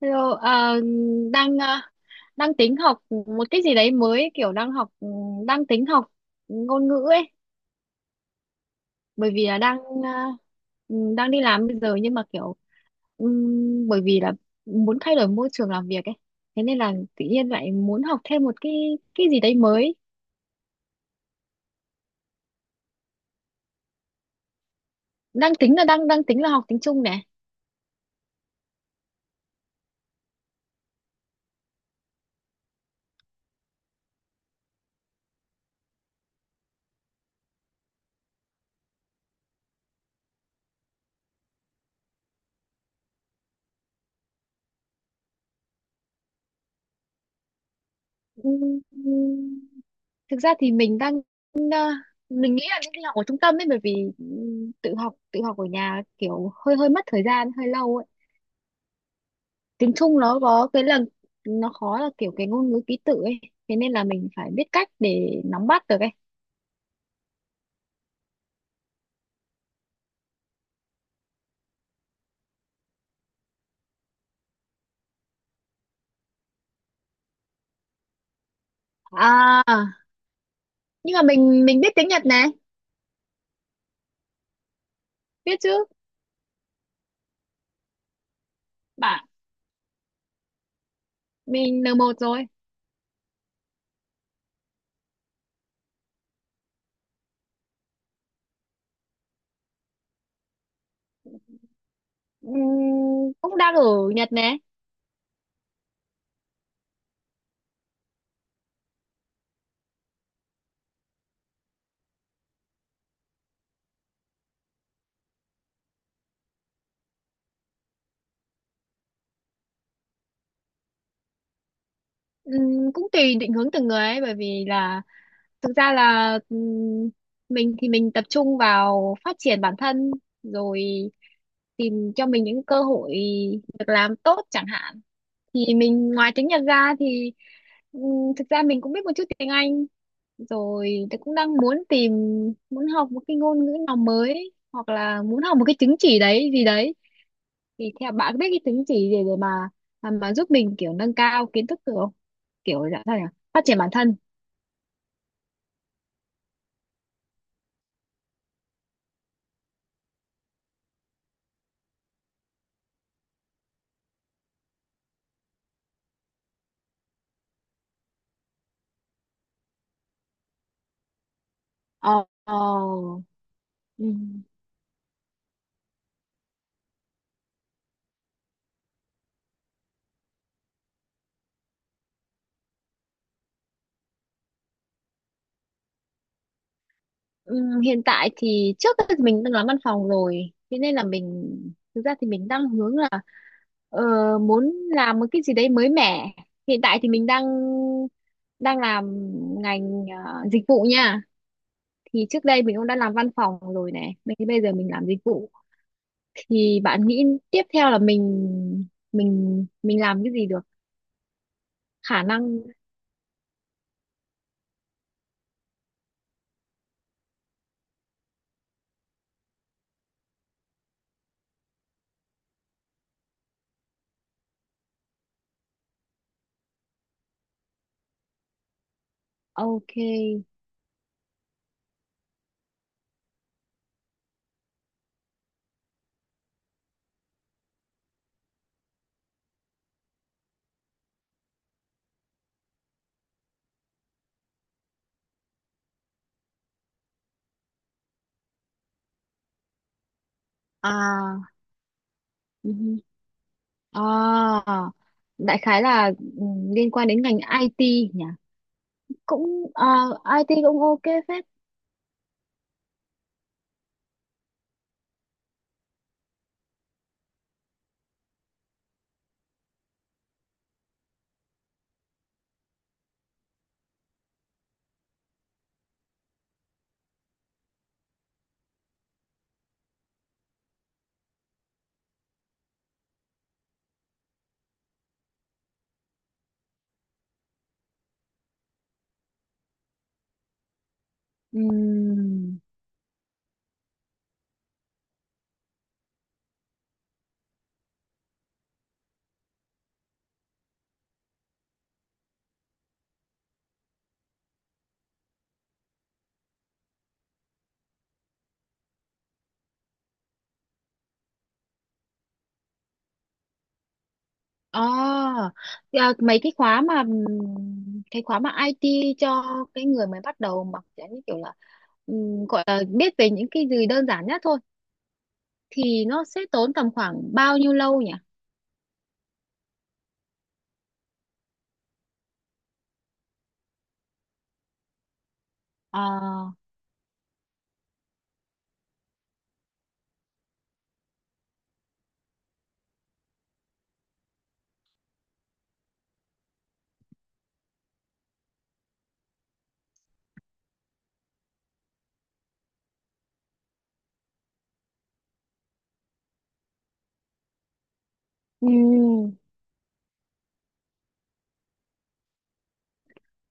Hello, đang ờ, đang tính học một cái gì đấy mới kiểu đang tính học ngôn ngữ ấy, bởi vì là ờ, ừ, đang đi làm bây giờ, nhưng mà kiểu bởi vì là muốn thay đổi môi trường làm việc ấy, thế nên là tự nhiên lại muốn học thêm một cái gì đấy mới, đang tính là học tiếng Trung này. Ừm, thực ra thì ờ, mình nghĩ là nên đi học ở trung tâm ấy, bởi vì tự học ở nhà kiểu hơi hơi mất thời gian, hơi lâu ấy. Tiếng Trung nó có cái là nó khó, là kiểu cái ngôn ngữ ký tự ấy, thế nên là mình phải biết cách để nắm bắt được ấy. À, nhưng mà mình biết tiếng Nhật này. Biết chứ, bạn, mình N1 rồi. Ừm, cũng đang ở Nhật này. Cũng tùy định hướng từng người ấy, bởi vì là thực ra là mình thì mình tập trung vào phát triển bản thân, rồi tìm cho mình những cơ hội việc làm tốt chẳng hạn, thì mình ngoài tiếng Nhật ra thì. Ừ, thực ra mình cũng biết một chút tiếng Anh, rồi tôi cũng đang muốn học một cái ngôn ngữ nào mới, hoặc là muốn học một cái chứng chỉ đấy gì đấy, thì theo bạn biết cái chứng chỉ gì để mà giúp mình kiểu nâng cao kiến thức được không, kiểu dạng sao nhỉ, phát triển bản thân. Ờ, ờ, ừ. Hiện tại thì trước đây thì mình đang làm văn phòng rồi, thế nên là mình thực ra thì mình đang hướng là ờ, muốn làm một cái gì đấy mới mẻ. Hiện tại thì mình đang đang làm ngành dịch vụ nha. Thì trước đây mình cũng đã làm văn phòng rồi này, bây bây giờ mình làm dịch vụ, thì bạn nghĩ tiếp theo là mình làm cái gì được, khả năng. Ok. À À, đại khái là ừ, liên quan đến ngành IT nhỉ? Cũng à, IT cũng ok phết. Ừm. À, thì, à, mấy cái khóa mà IT cho cái người mới bắt đầu mà kiểu như kiểu là gọi là biết về những cái gì đơn giản nhất thôi, thì nó sẽ tốn tầm khoảng bao nhiêu lâu nhỉ? À,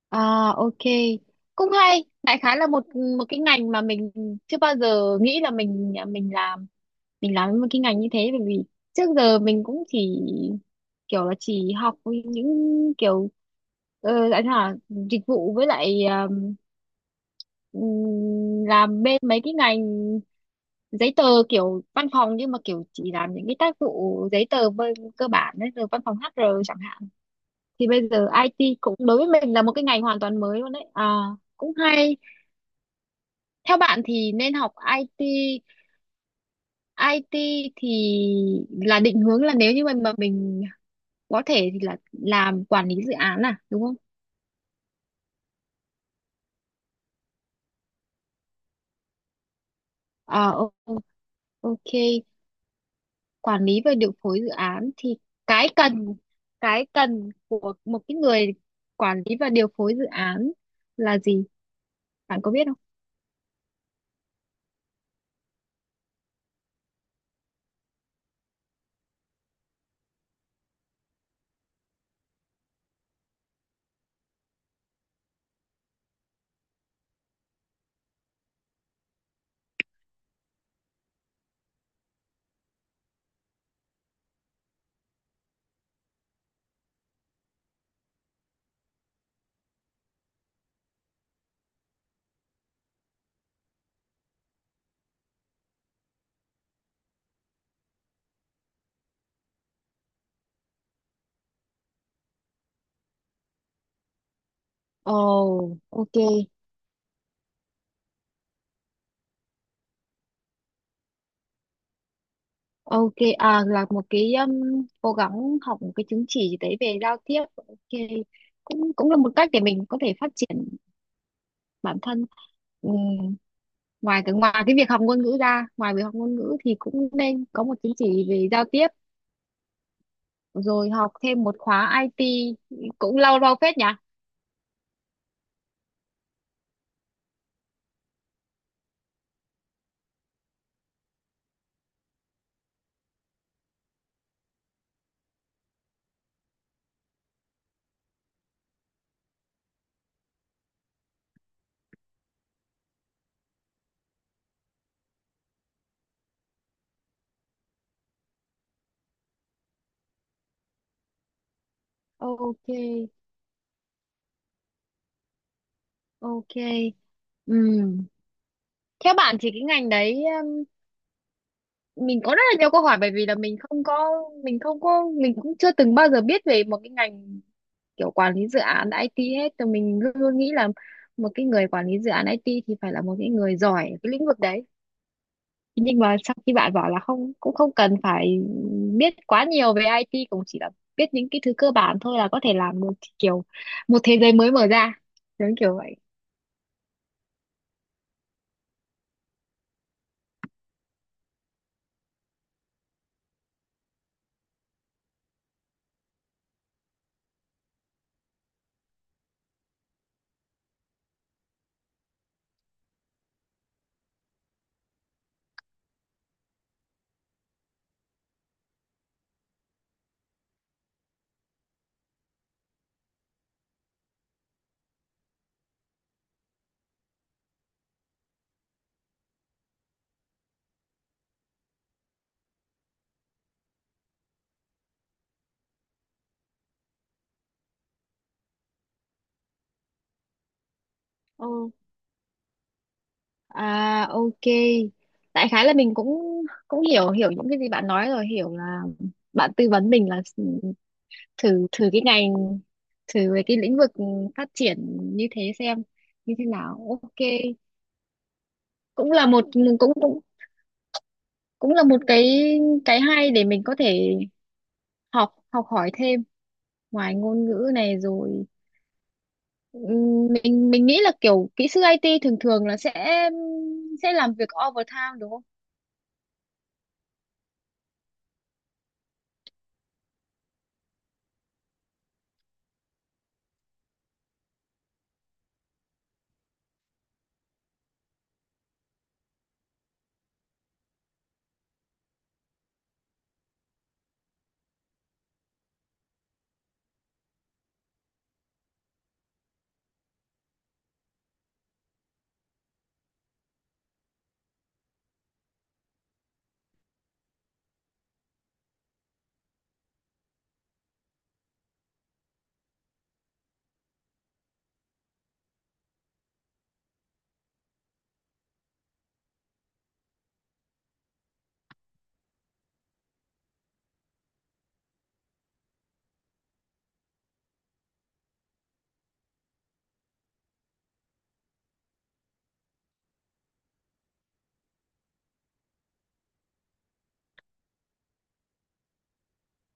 À, ok, cũng hay. Đại khái là một một cái ngành mà mình chưa bao giờ nghĩ là mình làm một cái ngành như thế, bởi vì trước giờ mình cũng chỉ kiểu là chỉ học những kiểu anh hả dịch vụ, với lại làm bên mấy cái ngành giấy tờ kiểu văn phòng, nhưng mà kiểu chỉ làm những cái tác vụ giấy tờ bên cơ bản đấy, rồi văn phòng HR chẳng hạn. Thì bây giờ IT cũng đối với mình là một cái ngành hoàn toàn mới luôn đấy à, cũng hay. Theo bạn thì nên học IT, IT thì là định hướng, là nếu như mà mình có thể thì là làm quản lý dự án à, đúng không? Ờ, ô- ok. Quản lý và điều phối dự án thì cái cần cái cần của một cái người quản lý và điều phối dự án là gì, bạn có biết không? Ồ, ok. Ok, à, là một cái, cố gắng học một cái chứng chỉ gì đấy về giao tiếp. Ok, cũng cũng là một cách để mình có thể phát triển bản thân. Ừm, ngoài cái việc học ngôn ngữ ra, ngoài việc học ngôn ngữ thì cũng nên có một chứng chỉ về giao tiếp, rồi học thêm một khóa IT, cũng lâu lâu phết nhỉ? Ok, ok. Ừm. Theo bạn thì cái ngành đấy, mình có rất là nhiều câu hỏi, bởi vì là mình không có mình không có mình cũng chưa từng bao giờ biết về một cái ngành kiểu quản lý dự án IT hết, thì mình luôn nghĩ là một cái người quản lý dự án IT thì phải là một cái người giỏi ở cái lĩnh vực đấy, nhưng mà sau khi bạn bảo là không cũng không cần phải biết quá nhiều về IT, cũng chỉ là biết những cái thứ cơ bản thôi là có thể làm được, kiểu một thế giới mới mở ra giống kiểu vậy. Ồ, à, ok. Đại khái là mình cũng cũng hiểu hiểu những cái gì bạn nói rồi, hiểu là bạn tư vấn mình là thử thử cái ngành, thử về cái lĩnh vực phát triển như thế, xem như thế nào, ok. cũng là một cũng cũng cũng là một cái hay để mình có thể học học hỏi thêm ngoài ngôn ngữ này rồi. Mình nghĩ là kiểu kỹ sư IT thường thường là sẽ làm việc overtime đúng không?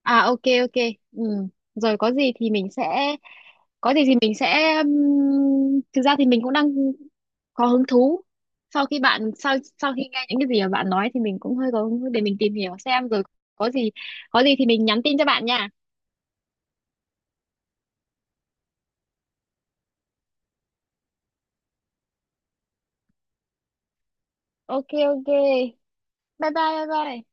À, ok, ok. Ừ. Rồi có gì thì mình sẽ thực ra thì mình cũng đang có hứng thú. Sau khi nghe những cái gì mà bạn nói thì mình cũng hơi có hứng thú để mình tìm hiểu xem, rồi có gì có gì thì mình nhắn tin cho bạn nha. Ok, ok. Bye bye, bye bye.